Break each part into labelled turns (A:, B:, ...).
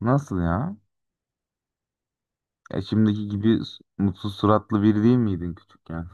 A: Nasıl ya? Şimdiki gibi mutsuz suratlı biri değil miydin küçükken?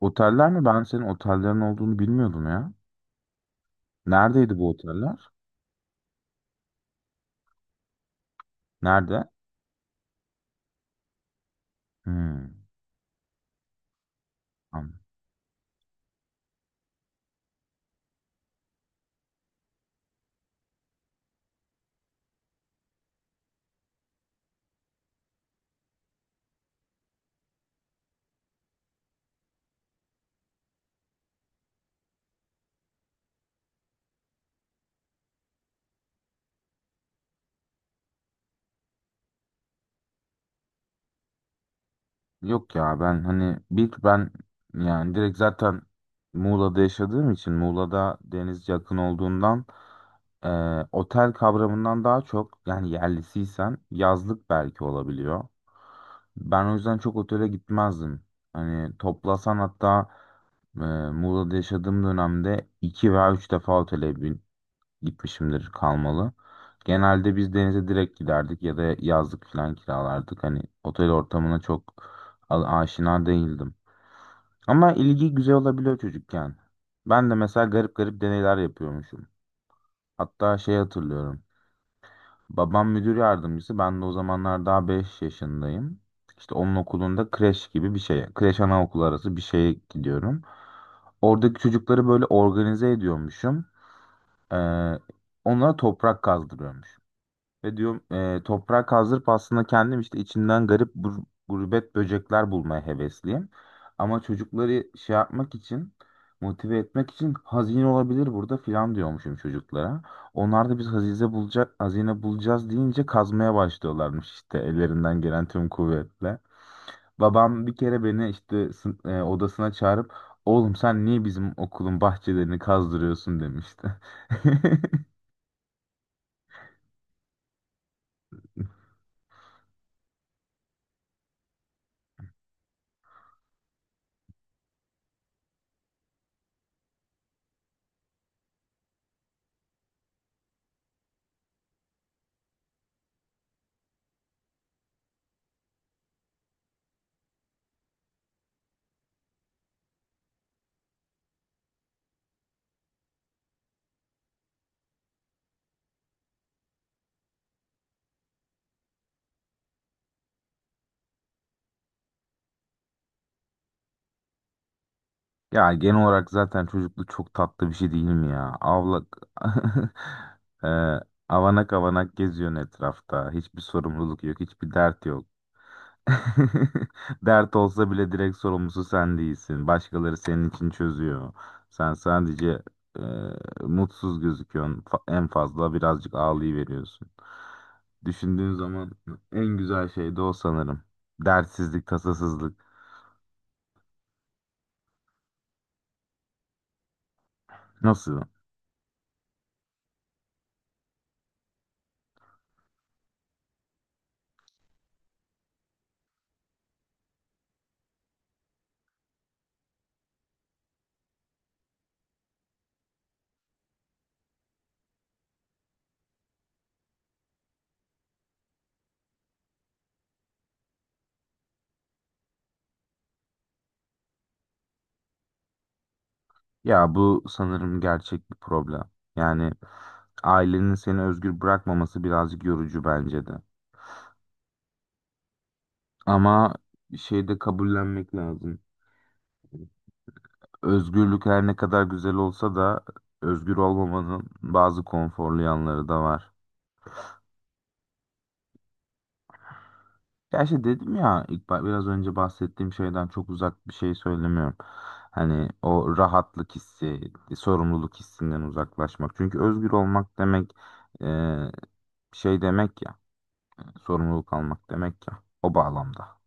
A: Oteller mi? Ben senin otellerin olduğunu bilmiyordum ya. Neredeydi bu oteller? Nerede? Hmm. Anladım. Yok ya, ben hani bir ben yani direkt zaten Muğla'da yaşadığım için Muğla'da deniz yakın olduğundan, e, otel kavramından daha çok, yani yerlisiysen yazlık belki olabiliyor. Ben o yüzden çok otele gitmezdim. Hani toplasan hatta, Ee, Muğla'da yaşadığım dönemde 2 veya 3 defa otele gitmişimdir kalmalı. Genelde biz denize direkt giderdik ya da yazlık falan kiralardık. Hani otel ortamına çok aşina değildim. Ama ilgi güzel olabiliyor çocukken. Ben de mesela garip garip deneyler yapıyormuşum. Hatta şey hatırlıyorum. Babam müdür yardımcısı. Ben de o zamanlar daha 5 yaşındayım. İşte onun okulunda kreş gibi bir şeye, kreş anaokulu arası bir şeye gidiyorum. Oradaki çocukları böyle organize ediyormuşum. Ee, Onlara toprak kazdırıyormuşum. Ve diyorum toprak kazdırıp aslında kendim işte içinden garip gurbet böcekler bulmaya hevesliyim. Ama çocukları şey yapmak için, motive etmek için, hazine olabilir burada filan diyormuşum çocuklara. Onlar da biz hazine bulacağız deyince kazmaya başlıyorlarmış işte ellerinden gelen tüm kuvvetle. Babam bir kere beni işte odasına çağırıp oğlum sen niye bizim okulun bahçelerini kazdırıyorsun demişti. Ya genel olarak zaten çocukluk çok tatlı bir şey değil mi ya? E, avanak avanak geziyorsun etrafta. Hiçbir sorumluluk yok, hiçbir dert yok. Dert olsa bile direkt sorumlusu sen değilsin. Başkaları senin için çözüyor. Sen sadece e, mutsuz gözüküyorsun. En fazla birazcık ağlayıveriyorsun. Düşündüğün zaman en güzel şey de o sanırım. Dertsizlik, tasasızlık. Nasıl? Ya bu sanırım gerçek bir problem. Yani ailenin seni özgür bırakmaması birazcık yorucu bence de. Ama şeyi de kabullenmek lazım. Özgürlük her ne kadar güzel olsa da özgür olmamanın bazı konforlu yanları da var. Ya işte dedim ya, biraz önce bahsettiğim şeyden çok uzak bir şey söylemiyorum. Hani o rahatlık hissi, sorumluluk hissinden uzaklaşmak. Çünkü özgür olmak demek, e, şey demek ya, sorumluluk almak demek ya. O bağlamda.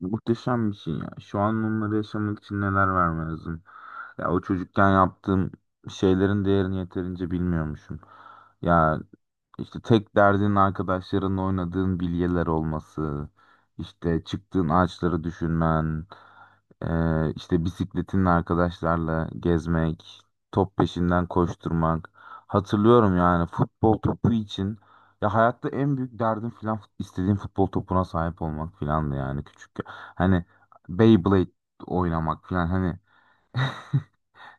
A: Muhteşem bir şey ya. Şu an onları yaşamak için neler vermem lazım. Ya o çocukken yaptığım şeylerin değerini yeterince bilmiyormuşum. Ya, İşte tek derdin arkadaşlarınla oynadığın bilyeler olması, işte çıktığın ağaçları düşünmen, işte bisikletinle arkadaşlarla gezmek, top peşinden koşturmak. Hatırlıyorum, yani futbol topu için, ya hayatta en büyük derdim filan istediğim futbol topuna sahip olmak filandı yani küçükken. Hani Beyblade oynamak filan, hani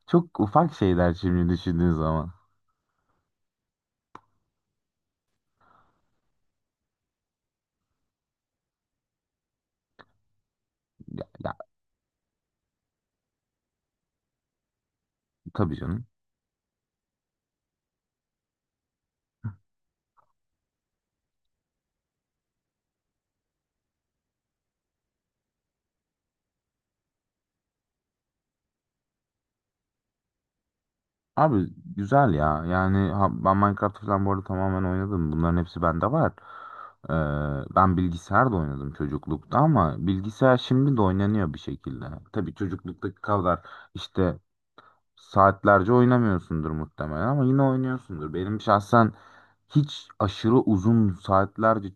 A: çok ufak şeyler şimdi düşündüğün zaman. Ya, ya tabii canım. Abi güzel ya. Yani ben Minecraft falan bu arada tamamen oynadım. Bunların hepsi bende var. Ben bilgisayarda oynadım çocuklukta ama bilgisayar şimdi de oynanıyor bir şekilde. Tabii çocukluktaki kadar işte saatlerce oynamıyorsundur muhtemelen ama yine oynuyorsundur. Benim şahsen hiç aşırı uzun saatlerce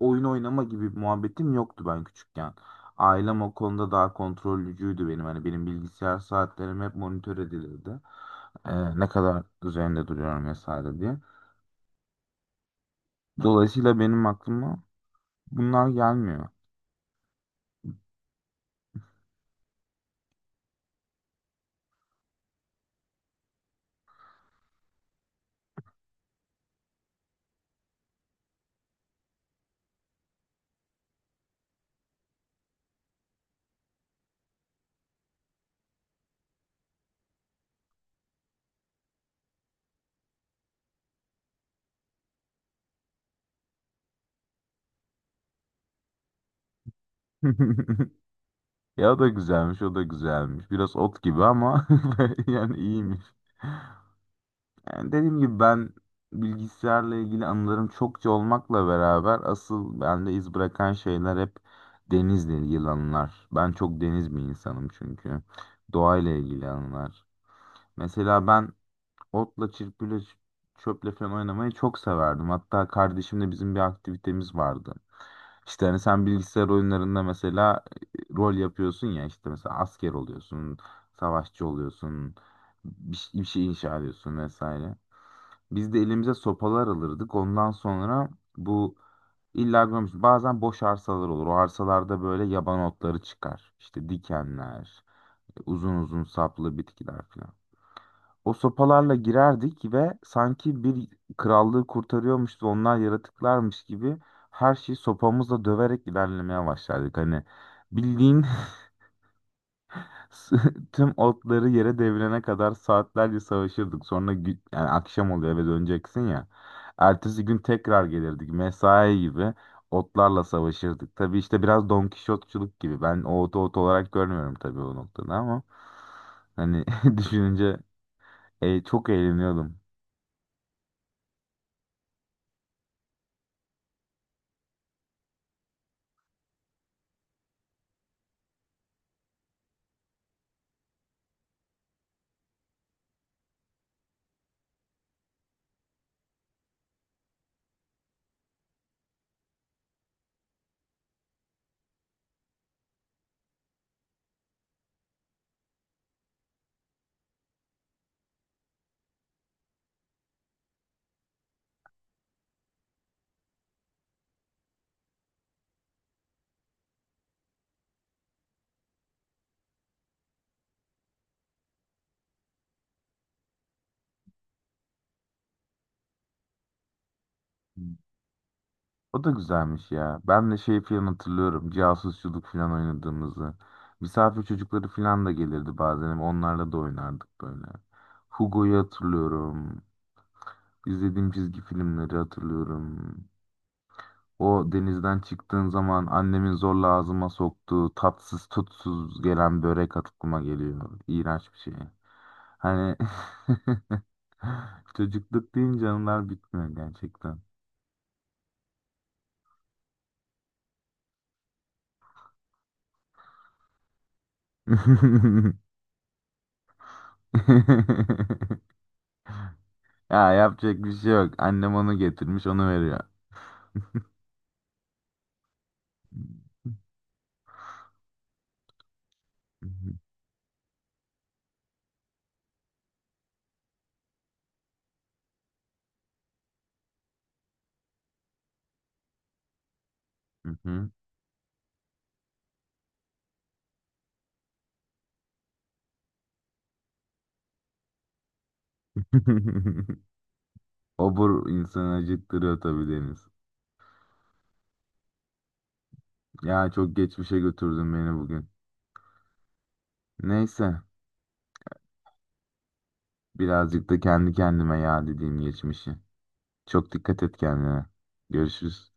A: oyun oynama gibi bir muhabbetim yoktu ben küçükken. Ailem o konuda daha kontrollücüydü benim. Hani benim bilgisayar saatlerim hep monitör edilirdi. Ne kadar üzerinde duruyorum vesaire diye. Dolayısıyla benim aklıma bunlar gelmiyor. Ya o da güzelmiş, o da güzelmiş. Biraz ot gibi ama yani iyiymiş. Yani dediğim gibi, ben bilgisayarla ilgili anılarım çokça olmakla beraber asıl bende iz bırakan şeyler hep denizle ilgili anılar. Ben çok deniz bir insanım çünkü. Doğayla ilgili anılar. Mesela ben otla, çırpıyla, çöple falan oynamayı çok severdim. Hatta kardeşimle bizim bir aktivitemiz vardı. İşte hani sen bilgisayar oyunlarında mesela rol yapıyorsun ya, işte mesela asker oluyorsun, savaşçı oluyorsun, bir şey inşa ediyorsun vesaire. Biz de elimize sopalar alırdık. Ondan sonra bu illa görmüş, bazen boş arsalar olur. O arsalarda böyle yaban otları çıkar. İşte dikenler, uzun uzun saplı bitkiler falan. O sopalarla girerdik ve sanki bir krallığı kurtarıyormuş ve onlar yaratıklarmış gibi her şeyi sopamızla döverek ilerlemeye başlardık. Hani bildiğin tüm otları yere devirene kadar saatlerce savaşırdık. Sonra yani akşam oluyor eve döneceksin ya. Ertesi gün tekrar gelirdik. Mesai gibi otlarla savaşırdık. Tabii işte biraz Don Kişotçuluk gibi. Ben o otu ot olarak görmüyorum tabii o noktada ama hani düşününce çok eğleniyordum. O da güzelmiş ya. Ben de şey falan hatırlıyorum. Casusçuluk falan oynadığımızı. Misafir çocukları falan da gelirdi bazen. Onlarla da oynardık böyle. Hugo'yu hatırlıyorum. İzlediğim çizgi filmleri hatırlıyorum. O denizden çıktığın zaman annemin zorla ağzıma soktuğu tatsız tutsuz gelen börek aklıma geliyor. İğrenç bir şey. Hani çocukluk deyince anılar bitmiyor gerçekten. Ya yapacak bir şey yok. Annem onu getirmiş, onu veriyor. Hı hı. Obur insanı acıktırıyor tabii, Deniz. Ya çok geçmişe götürdün beni bugün. Neyse, birazcık da kendi kendime ya dediğim geçmişi. Çok dikkat et kendine. Görüşürüz.